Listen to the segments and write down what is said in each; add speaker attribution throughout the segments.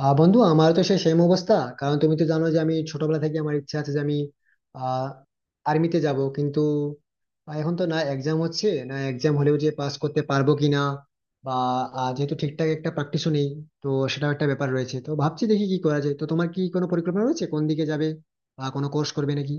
Speaker 1: বন্ধু, আমার তো সেই সেম অবস্থা। কারণ তুমি তো জানো যে আমি ছোটবেলা থেকে আমার ইচ্ছা আছে যে আমি আহ আর্মিতে যাব, কিন্তু এখন তো না, এক্সাম হচ্ছে না, এক্সাম হলেও যে পাস করতে পারবো কিনা, বা যেহেতু ঠিকঠাক একটা প্র্যাকটিসও নেই, তো সেটাও একটা ব্যাপার রয়েছে। তো ভাবছি দেখি কি করা যায়। তো তোমার কি কোনো পরিকল্পনা রয়েছে, কোন দিকে যাবে বা কোনো কোর্স করবে নাকি?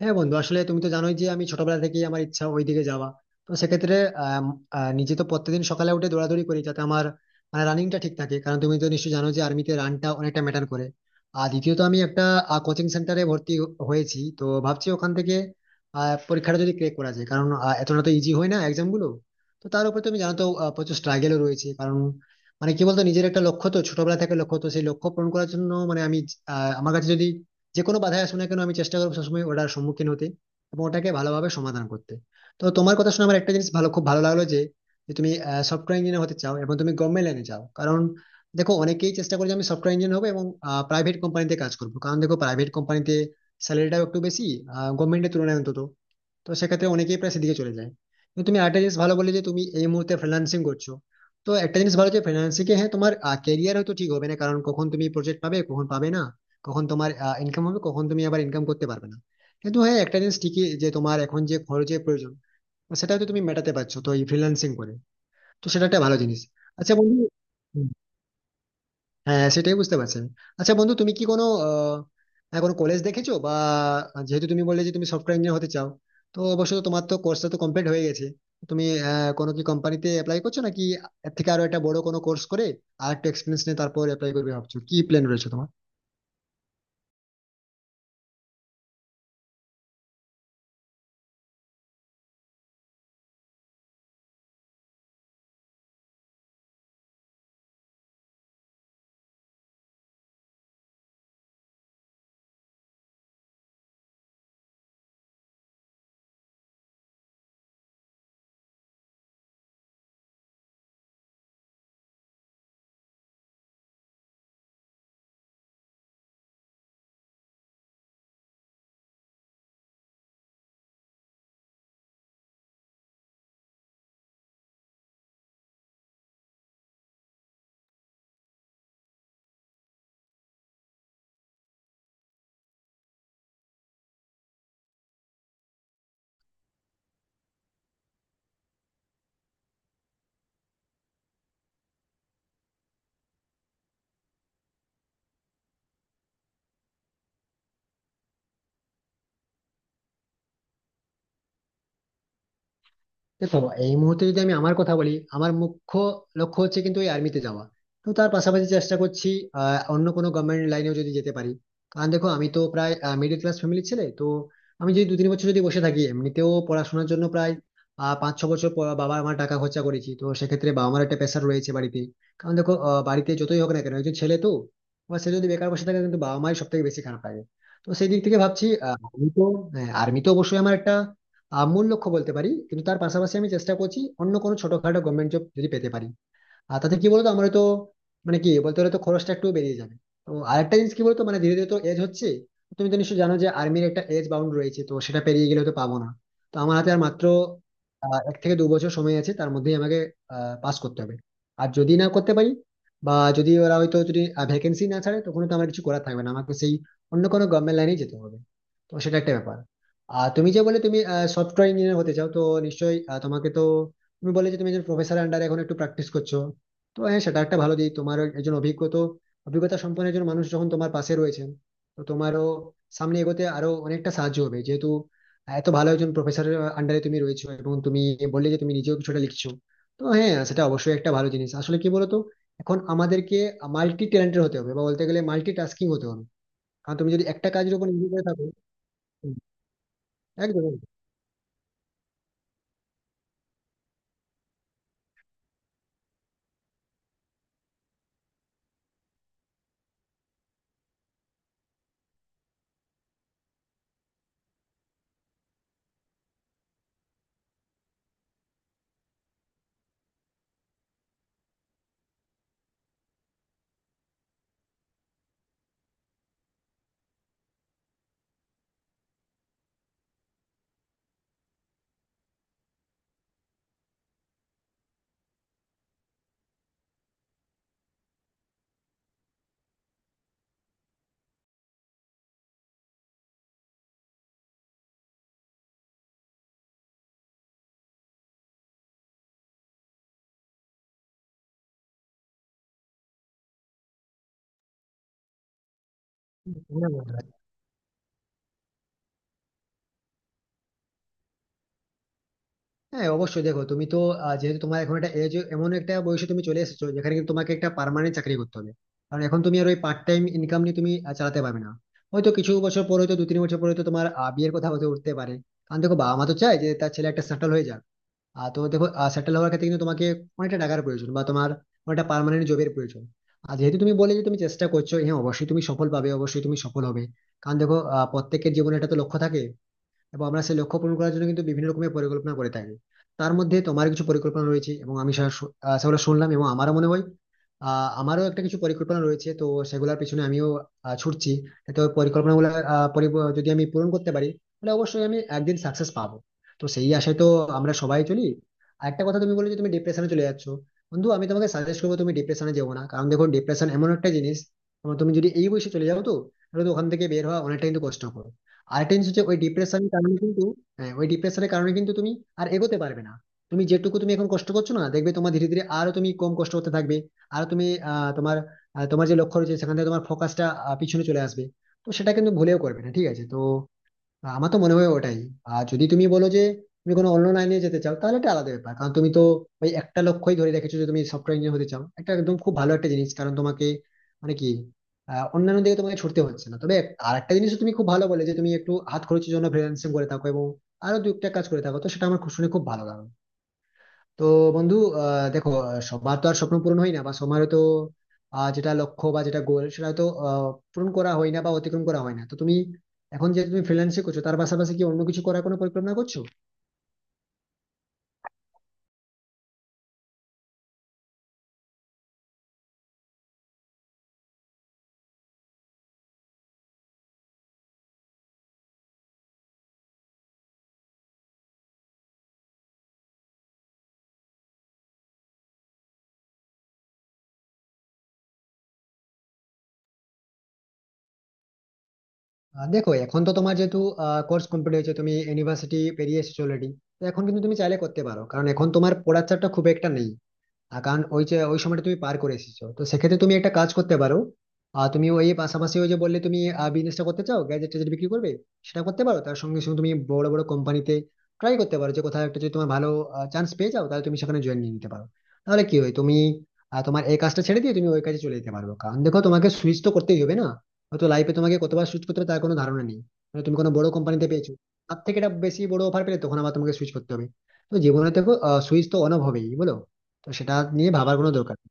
Speaker 1: হ্যাঁ বন্ধু, আসলে তুমি তো জানোই যে আমি ছোটবেলা থেকেই আমার ইচ্ছা ওইদিকে যাওয়া। তো সেক্ষেত্রে আম, নিজে তো প্রত্যেকদিন সকালে উঠে দৌড়াদৌড়ি করি যাতে আমার রানিংটা ঠিক থাকে, কারণ তুমি তো নিশ্চয়ই জানো যে আর্মিতে রানটা অনেকটা ম্যাটার করে। আর দ্বিতীয়ত আমি একটা কোচিং সেন্টারে ভর্তি হয়েছি, তো ভাবছি ওখান থেকে পরীক্ষাটা যদি ক্র্যাক করা যায়, কারণ এতটা তো ইজি হয় না এক্সাম গুলো। তো তার উপর তুমি জানো তো, প্রচুর স্ট্রাগেলও রয়েছে। কারণ মানে কি বলতো, নিজের একটা লক্ষ্য তো ছোটবেলা থেকে, লক্ষ্য তো সেই লক্ষ্য পূরণ করার জন্য মানে আমি আমার কাছে যদি যে কোনো বাধায় আসুক না কেন, আমি চেষ্টা করবো সবসময় ওটার সম্মুখীন হতে এবং ওটাকে ভালোভাবে সমাধান করতে। তো তোমার কথা শুনে আমার একটা জিনিস ভালো, খুব ভালো লাগলো যে যে তুমি সফটওয়্যার ইঞ্জিনিয়ার হতে চাও এবং তুমি গভর্নমেন্ট লাইনে চাও। কারণ দেখো, অনেকেই চেষ্টা করে যে আমি সফটওয়্যার ইঞ্জিনিয়ার হবো এবং প্রাইভেট কোম্পানিতে কাজ করবো, কারণ দেখো প্রাইভেট কোম্পানিতে স্যালারিটাও একটু বেশি গভর্নমেন্টের তুলনায় অন্তত। তো সেক্ষেত্রে অনেকেই প্রায় সেদিকে চলে যায়। কিন্তু তুমি একটা জিনিস ভালো বলে যে তুমি এই মুহূর্তে ফ্রিল্যান্সিং করছো। তো একটা জিনিস ভালো, যে ফ্রিল্যান্সিং এ হ্যাঁ, তোমার ক্যারিয়ার হয়তো ঠিক হবে না, কারণ কখন তুমি প্রজেক্ট পাবে কখন পাবে না, কখন তোমার ইনকাম হবে কখন তুমি আবার ইনকাম করতে পারবে না। কিন্তু হ্যাঁ, একটা জিনিস ঠিকই যে তোমার এখন যে খরচের প্রয়োজন সেটা হয়তো তুমি মেটাতে পারছো তো এই ফ্রিল্যান্সিং করে। তো সেটা একটা ভালো জিনিস। আচ্ছা বন্ধু, হ্যাঁ সেটাই বুঝতে পারছি আমি। আচ্ছা বন্ধু, তুমি কি কোনো কোনো কলেজ দেখেছো বা, যেহেতু তুমি বললে যে তুমি সফটওয়্যার ইঞ্জিনিয়ার হতে চাও, তো অবশ্যই তোমার তো কোর্সটা তো কমপ্লিট হয়ে গেছে, তুমি কোনো কি কোম্পানিতে অ্যাপ্লাই করছো নাকি, এর থেকে আরো একটা বড় কোনো কোর্স করে আর একটু এক্সপিরিয়েন্স নিয়ে তারপর অ্যাপ্লাই করবে ভাবছো, কি প্ল্যান রয়েছে তোমার? দেখো, এই মুহূর্তে যদি আমি আমার কথা বলি, আমার মুখ্য লক্ষ্য হচ্ছে কিন্তু এই আর্মিতে যাওয়া। তো তার পাশাপাশি চেষ্টা করছি অন্য কোনো গভর্নমেন্ট লাইনেও যদি যেতে পারি, কারণ দেখো আমি তো প্রায় মিডল ক্লাস ফ্যামিলির ছেলে। তো আমি যদি দু তিন বছর যদি বসে থাকি, এমনিতেও পড়াশোনার জন্য প্রায় পাঁচ ছ বছর পর বাবা আমার টাকা খরচা করেছি, তো সেক্ষেত্রে বাবা আমার একটা প্রেশার রয়েছে বাড়িতে। কারণ দেখো, বাড়িতে যতই হোক না কেন, একজন ছেলে তো, এবার সে যদি বেকার বসে থাকে কিন্তু বাবা মায়ের সব থেকে বেশি খারাপ লাগে। তো সেই দিক থেকে ভাবছি আমি তো। হ্যাঁ, আর্মি তো অবশ্যই আমার একটা মূল লক্ষ্য বলতে পারি, কিন্তু তার পাশাপাশি আমি চেষ্টা করছি অন্য কোনো ছোটখাটো গভর্নমেন্ট জব যদি পেতে পারি। আর তাতে কি বলতো, আমরা তো মানে কি বলতে গেলে তো খরচটা একটু বেরিয়ে যাবে। তো আরেকটা জিনিস কি বলতো, মানে ধীরে ধীরে তো এজ হচ্ছে, তুমি তো নিশ্চয়ই জানো যে আর্মির একটা এজ বাউন্ড রয়েছে, তো সেটা পেরিয়ে গেলে তো পাবো না। তো আমার হাতে আর মাত্র এক থেকে দু বছর সময় আছে, তার মধ্যেই আমাকে পাস করতে হবে। আর যদি না করতে পারি বা যদি ওরা হয়তো যদি ভ্যাকেন্সি না ছাড়ে, তখন তো আমার কিছু করার থাকবে না, আমাকে সেই অন্য কোনো গভর্নমেন্ট লাইনেই যেতে হবে। তো সেটা একটা ব্যাপার। আর তুমি যে বলে তুমি সফটওয়্যার ইঞ্জিনিয়ার হতে চাও, তো নিশ্চয়ই তোমাকে তো, তুমি বলে যে তুমি একজন প্রফেসর আন্ডারে এখন একটু প্র্যাকটিস করছো, তো হ্যাঁ সেটা একটা ভালো দিক তোমার। একজন অভিজ্ঞতা অভিজ্ঞতা সম্পন্ন একজন মানুষ যখন তোমার পাশে রয়েছেন, তো তোমারও সামনে এগোতে আরো অনেকটা সাহায্য হবে, যেহেতু এত ভালো একজন প্রফেসরের আন্ডারে তুমি রয়েছো এবং তুমি বললে যে তুমি নিজেও কিছুটা লিখছো। তো হ্যাঁ সেটা অবশ্যই একটা ভালো জিনিস। আসলে কি বলতো, এখন আমাদেরকে মাল্টি ট্যালেন্টেড হতে হবে, বা বলতে গেলে মাল্টি টাস্কিং হতে হবে, কারণ তুমি যদি একটা কাজের উপর নির্ভর করে থাকো। একদম। একদম। হ্যাঁ অবশ্যই। দেখো, তুমি তো যেহেতু তোমার এখন একটা এজ, এমন একটা বয়সে তুমি চলে এসেছো যেখানে কিন্তু তোমাকে একটা পার্মানেন্ট চাকরি করতে হবে, কারণ এখন তুমি আর ওই পার্ট টাইম ইনকাম নিয়ে তুমি চালাতে পারবে না। হয়তো কিছু বছর পরে, হয়তো দু তিন বছর পরে, তো তোমার বিয়ের কথা হয়তো উঠতে পারে, কারণ দেখো বাবা মা তো চায় যে তার ছেলে একটা সেটেল হয়ে যাক। আর তো দেখো, সেটেল হওয়ার ক্ষেত্রে কিন্তু তোমাকে অনেকটা টাকার প্রয়োজন, বা তোমার অনেকটা পার্মানেন্ট জবের প্রয়োজন। আর যেহেতু তুমি বলে যে তুমি চেষ্টা করছো, হ্যাঁ অবশ্যই তুমি সফল পাবে, অবশ্যই তুমি সফল হবে। কারণ দেখো, প্রত্যেকের জীবনে একটা তো লক্ষ্য থাকে এবং আমরা সেই লক্ষ্য পূরণ করার জন্য কিন্তু বিভিন্ন রকমের পরিকল্পনা করে থাকি। তার মধ্যে তোমার কিছু পরিকল্পনা রয়েছে এবং আমি সেগুলো শুনলাম। এবং আমারও মনে হয় আমারও একটা কিছু পরিকল্পনা রয়েছে, তো সেগুলোর পিছনে আমিও ছুটছি। তো পরিকল্পনা গুলো যদি আমি পূরণ করতে পারি, তাহলে অবশ্যই আমি একদিন সাকসেস পাবো। তো সেই আশায় তো আমরা সবাই চলি। আর একটা কথা, তুমি বলে যে তুমি ডিপ্রেশনে চলে যাচ্ছ, বন্ধু আমি তোমাকে সাজেস্ট করবো তুমি ডিপ্রেশনে যেও না, কারণ দেখো, ডিপ্রেশন এমন একটা জিনিস, তোমার, তুমি যদি এই বয়সে চলে যাও, তো তাহলে তো ওখান থেকে বের হওয়া অনেকটা কিন্তু কষ্টকর। আর একটা জিনিস হচ্ছে, ওই ডিপ্রেশনের কারণে কিন্তু, হ্যাঁ ওই ডিপ্রেশনের কারণে কিন্তু তুমি আর এগোতে পারবে না। তুমি যেটুকু তুমি এখন কষ্ট করছো না, দেখবে তোমার ধীরে ধীরে আরো তুমি কম কষ্ট হতে থাকবে। আর তুমি আহ তোমার তোমার যে লক্ষ্য রয়েছে সেখান থেকে তোমার ফোকাসটা পিছনে চলে আসবে। তো সেটা কিন্তু ভুলেও করবে না, ঠিক আছে? তো আমার তো মনে হয় ওটাই। আর যদি তুমি বলো যে তুমি কোনো অন্য লাইনে যেতে চাও, তাহলে এটা আলাদা ব্যাপার, কারণ তুমি তো ওই একটা লক্ষ্যই ধরে রেখেছো যে তুমি সফটওয়্যার ইঞ্জিনিয়ার হতে চাও, একটা একদম খুব ভালো একটা জিনিস, কারণ তোমাকে মানে কি অন্যান্য দিকে তোমাকে ছুটতে হচ্ছে না। তবে আর একটা জিনিস তুমি খুব ভালো বলে যে তুমি একটু হাত খরচের জন্য ফ্রিল্যান্সিং করে থাকো এবং আরো দু একটা কাজ করে থাকো, তো সেটা আমার খুব শুনে খুব ভালো লাগলো। তো বন্ধু, দেখো, সবার তো আর স্বপ্ন পূরণ হয় না, বা সবার তো যেটা লক্ষ্য বা যেটা গোল, সেটা তো পূরণ করা হয় না বা অতিক্রম করা হয় না। তো তুমি এখন যে তুমি ফ্রিল্যান্সিং করছো, তার পাশাপাশি কি অন্য কিছু করার কোনো পরিকল্পনা করছো? দেখো, এখন তো তোমার যেহেতু কোর্স কমপ্লিট হয়েছে, তুমি ইউনিভার্সিটি পেরিয়ে এসেছো অলরেডি, তো এখন কিন্তু তুমি চাইলে করতে পারো, কারণ এখন তোমার পড়ার চাপটা খুব একটা নেই, কারণ ওই যে ওই সময়টা তুমি পার করে এসেছো। তো সেক্ষেত্রে তুমি একটা কাজ করতে পারো। আর তুমি ওই পাশাপাশি ওই যে বললে তুমি বিজনেসটা করতে চাও, গ্যাজেট ট্যাজেট বিক্রি করবে, সেটা করতে পারো। তার সঙ্গে সঙ্গে তুমি বড় বড় কোম্পানিতে ট্রাই করতে পারো, যে কোথাও একটা যদি তোমার ভালো চান্স পেয়ে যাও, তাহলে তুমি সেখানে জয়েন নিয়ে নিতে পারো। তাহলে কি হয়, তুমি তোমার এই কাজটা ছেড়ে দিয়ে তুমি ওই কাজে চলে যেতে পারবে। কারণ দেখো, তোমাকে সুইচ তো করতেই হবে না, হয়তো লাইফে তোমাকে কতবার সুইচ করতে হবে তার কোনো ধারণা নেই। মানে তুমি কোনো বড় কোম্পানিতে পেয়েছো, তার থেকে এটা বেশি বড় অফার পেলে, তখন আবার তোমাকে সুইচ করতে হবে। তো জীবনে দেখো, সুইচ তো অন হবেই, বলো? তো সেটা নিয়ে ভাবার কোনো দরকার নেই।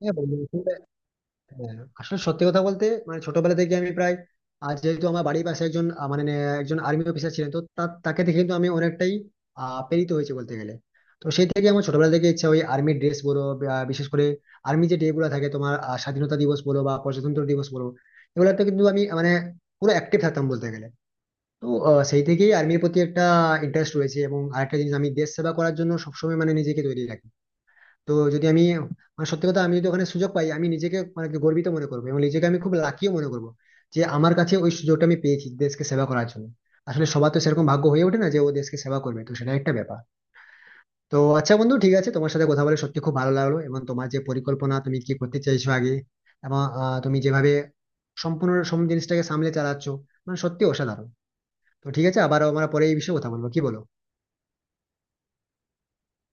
Speaker 1: হ্যাঁ, বন্ধু, আসলে হ্যাঁ, আসলে সত্যি কথা বলতে মানে ছোটবেলা থেকে আমি প্রায়, আর যেহেতু আমার বাড়ির পাশে একজন আহ, মানে আহ, একজন আর্মি অফিসার ছিলেন, তো তাকে দেখে কিন্তু আমি অনেকটাই প্রেরিত হয়েছে বলতে গেলে। তো সেই থেকে আমার ছোটবেলা থেকে ইচ্ছা, ওই আর্মির ড্রেস বলো বা বিশেষ করে আর্মি যে ডে গুলো থাকে তোমার, স্বাধীনতা দিবস বলো বা প্রজাতন্ত্র দিবস বলো, এগুলোতে কিন্তু আমি মানে পুরো অ্যাক্টিভ থাকতাম বলতে গেলে। তো সেই থেকেই আর্মির প্রতি একটা ইন্টারেস্ট রয়েছে, এবং আরেকটা জিনিস, আমি দেশ সেবা করার জন্য সবসময় মানে নিজেকে তৈরি রাখি। তো যদি আমি মানে সত্যি কথা, আমি যদি ওখানে সুযোগ পাই, আমি নিজেকে মানে কি গর্বিত মনে করবো, এবং নিজেকে আমি খুব লাকিও মনে করবো যে আমার কাছে ওই সুযোগটা আমি পেয়েছি দেশকে সেবা করার জন্য। আসলে সবার তো সেরকম ভাগ্য হয়ে ওঠে না যে ও দেশকে সেবা করবে, তো সেটা একটা ব্যাপার। তো আচ্ছা বন্ধু, ঠিক আছে, তোমার সাথে কথা বলে সত্যি খুব ভালো লাগলো, এবং তোমার যে পরিকল্পনা তুমি কি করতে চাইছো আগে, এবং তুমি যেভাবে সম্পূর্ণ সব জিনিসটাকে সামলে চালাচ্ছো, মানে সত্যি অসাধারণ। তো ঠিক আছে, আবার আমরা পরে এই বিষয়ে কথা বলবো, কি বলো?